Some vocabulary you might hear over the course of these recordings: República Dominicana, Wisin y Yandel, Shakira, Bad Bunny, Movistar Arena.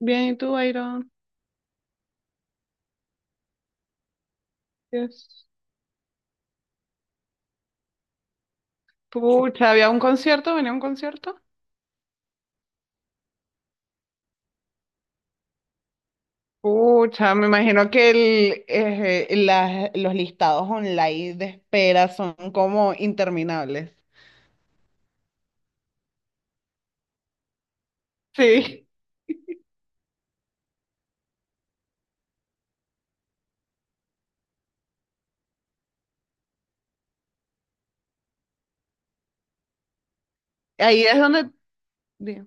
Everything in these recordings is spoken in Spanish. Bien, ¿y tú, Iron? Yes. Pucha, ¿había un concierto? ¿Venía un concierto? Pucha, me imagino que los listados online de espera son como interminables. Sí. Ahí es donde... Dime.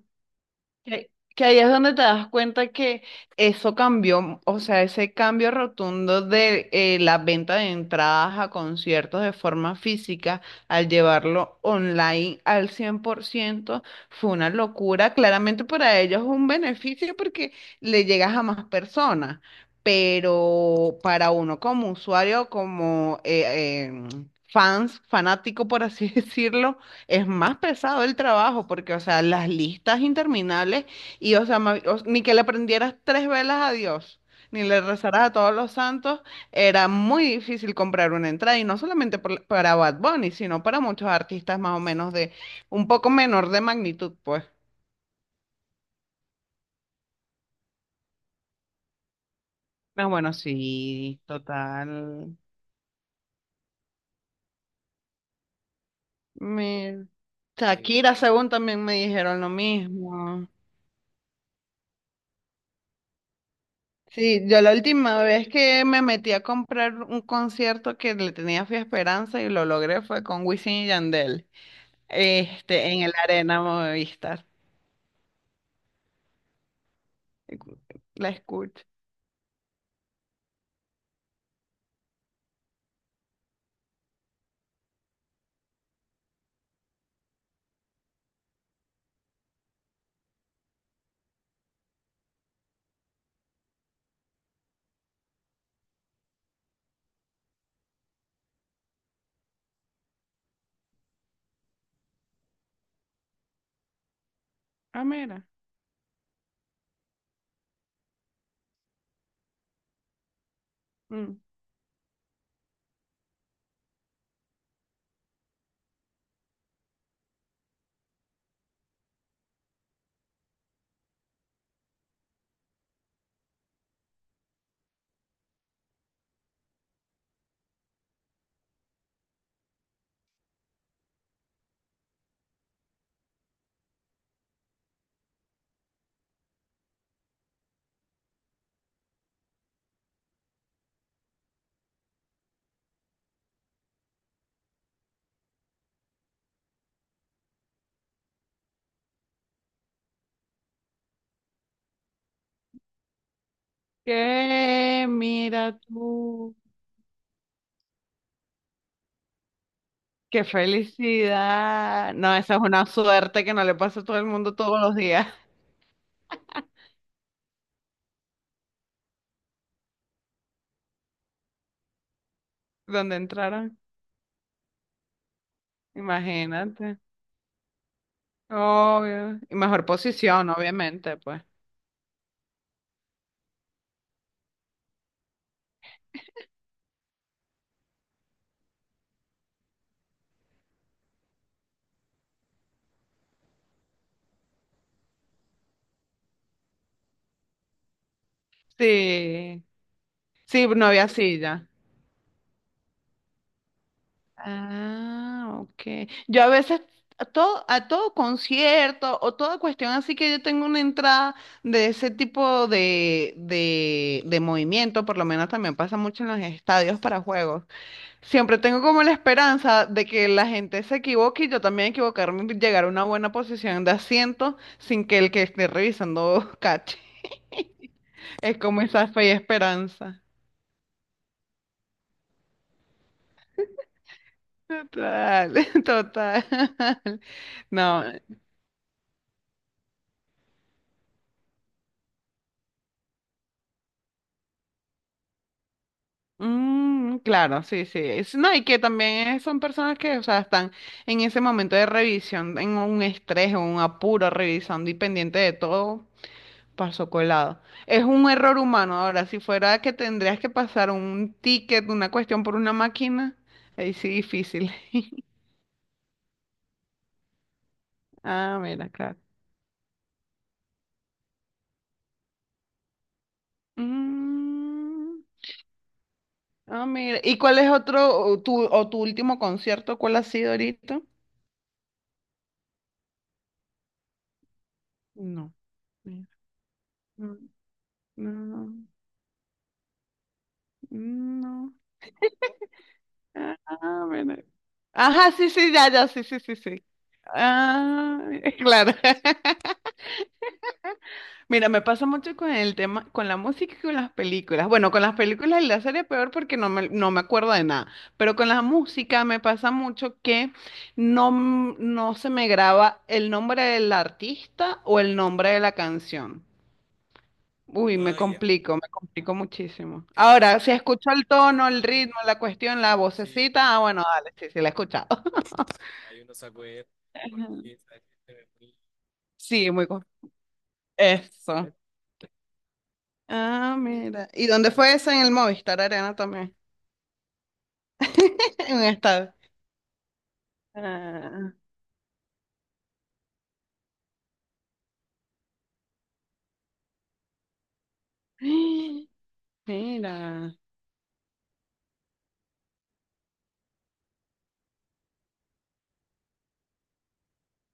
Que, que ahí es donde te das cuenta que eso cambió, o sea, ese cambio rotundo de la venta de entradas a conciertos de forma física al llevarlo online al 100% fue una locura. Claramente para ellos es un beneficio porque le llegas a más personas, pero para uno como usuario, como fans, fanático por así decirlo, es más pesado el trabajo porque, o sea, las listas interminables y, o sea, ni que le prendieras tres velas a Dios, ni le rezaras a todos los santos, era muy difícil comprar una entrada y no solamente para Bad Bunny, sino para muchos artistas más o menos de un poco menor de magnitud, pues. Ah, bueno, sí, total. Mi- Shakira, según también me dijeron lo mismo. Sí, yo la última vez que me metí a comprar un concierto que le tenía fe a esperanza y lo logré fue con Wisin y Yandel, este, en el Arena Movistar. La escucho. Ah, mira. Mm. ¿Qué? Mira tú. ¡Qué felicidad! No, esa es una suerte que no le pasa a todo el mundo todos los días donde entraron. Imagínate. Obvio. Y mejor posición, obviamente, pues. Sí. Sí, no había silla. Ah, ok. Yo a veces a todo concierto o toda cuestión así que yo tengo una entrada de ese tipo de movimiento, por lo menos también pasa mucho en los estadios para juegos. Siempre tengo como la esperanza de que la gente se equivoque y yo también equivocarme y llegar a una buena posición de asiento sin que el que esté revisando cache. Es como esa fe y esperanza. Total, total. No, mm, claro, sí, sí. Es- no, y que también son personas que, o sea, están en ese momento de revisión, en un estrés o un apuro, revisando y pendiente de todo, pasó colado. Es un error humano. Ahora, si fuera que tendrías que pasar un ticket, una cuestión por una máquina, ahí sí difícil. Ah, mira, claro. Mm, mira. ¿Y cuál es otro, o tu último concierto? ¿Cuál ha sido ahorita? No. Mira. Mm, no, no, no. Ah, mira. Ajá, sí, sí, ya, ya, sí, sí, sí, sí. Ah, claro. Mira, me pasa mucho con el tema, con la música y con las películas. Bueno, con las películas y la serie peor porque no me acuerdo de nada. Pero con la música me pasa mucho que no, no se me graba el nombre del artista o el nombre de la canción. Uy, me Ah, ya. complico, me complico muchísimo. Ahora, si escucho el tono, el ritmo, la cuestión, la Sí. vocecita, ah, bueno, dale, sí, sí, la he escuchado. Sí, muy cool. Eso. Ah, mira. ¿Y dónde fue eso? En el Movistar Arena también. En un estadio. Ah, mira,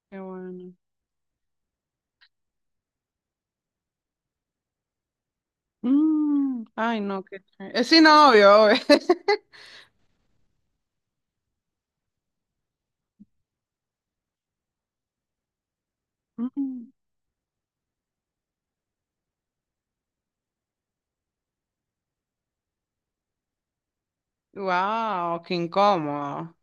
qué bueno. Mm, ay, no, qué chévere. Sí, no, obvio, obvio. Wow, qué incómodo.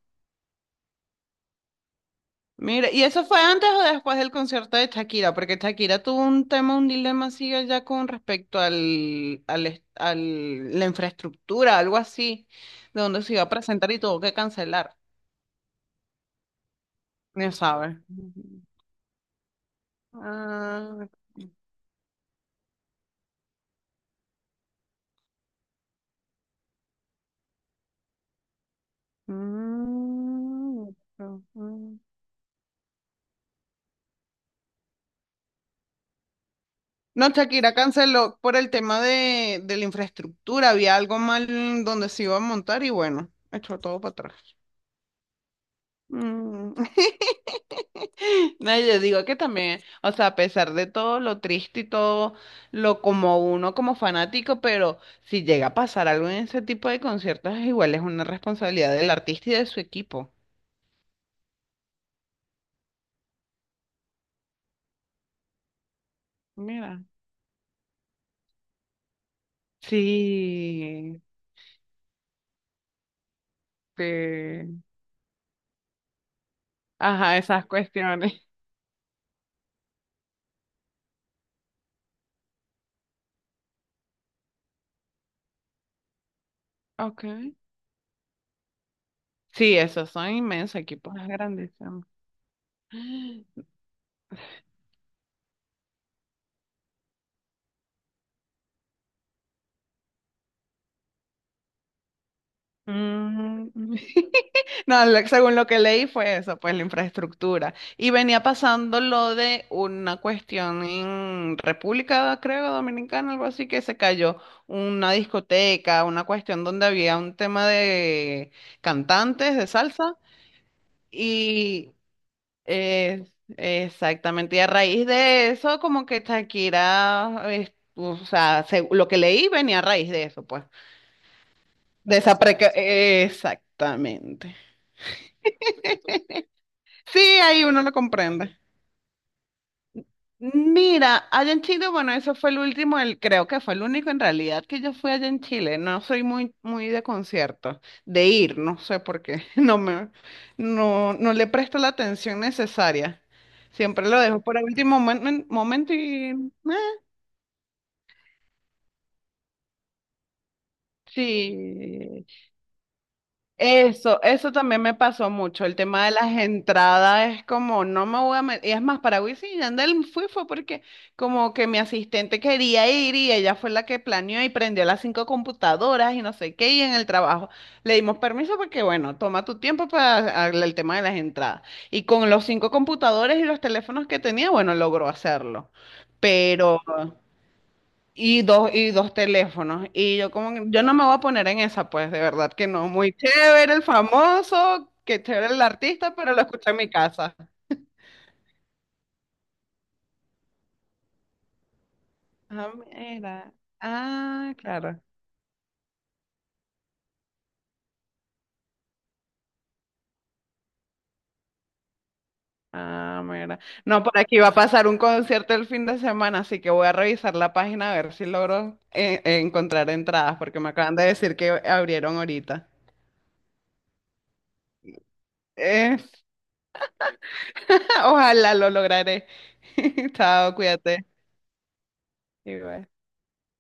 Mira, ¿y eso fue antes o después del concierto de Shakira? Porque Shakira tuvo un tema, un dilema así ya con respecto al, al, est- al- la infraestructura, algo así, de donde se iba a presentar y tuvo que cancelar. No sabe. Ujú. Ah, mm, ujú. No, Shakira canceló por el tema de la infraestructura, había algo mal donde se iba a montar y bueno, echó todo para atrás. Mm. No, yo digo que también, o sea, a pesar de todo lo triste y todo lo como uno como fanático, pero si llega a pasar algo en ese tipo de conciertos, igual es una responsabilidad del artista y de su equipo. Mira. Sí, sí. Ajá, esas cuestiones. Okay. Sí, esos son inmensos equipos, grandísimos. Mm, no, según lo que leí fue eso, pues la infraestructura. Y venía pasando lo de una cuestión en República, creo, Dominicana, algo así, que se cayó una discoteca, una cuestión donde había un tema de cantantes de salsa. Y eh, exactamente, y a raíz de eso, como que Shakira, o sea, lo que leí venía a raíz de eso, pues. Exactamente. Sí, ahí uno lo comprende. Mira, allá en Chile, bueno, eso fue el último, el, creo que fue el único en realidad que yo fui allá en Chile. No soy muy de conciertos, de ir, no sé por qué. No, no le presto la atención necesaria. Siempre lo dejo para último momento y sí. Eso también me pasó mucho. El tema de las entradas es como, no me voy a meter. Y es más, para Wisin y Yandel fui fue porque como que mi asistente quería ir y ella fue la que planeó y prendió las cinco computadoras y no sé qué. Y en el trabajo le dimos permiso porque, bueno, toma tu tiempo para arreglar el tema de las entradas. Y con los cinco computadores y los teléfonos que tenía, bueno, logró hacerlo. Y dos teléfonos. Y yo como, yo no me voy a poner en esa, pues, de verdad que no. Muy chévere el famoso, que chévere el artista, pero lo escuché en mi casa. Ah, mira. Ah, claro. Ah, mira. No, por aquí va a pasar un concierto el fin de semana, así que voy a revisar la página a ver si logro encontrar entradas, porque me acaban de decir que abrieron ahorita. Eh, ojalá lo lograré. Chao, cuídate. Y bye.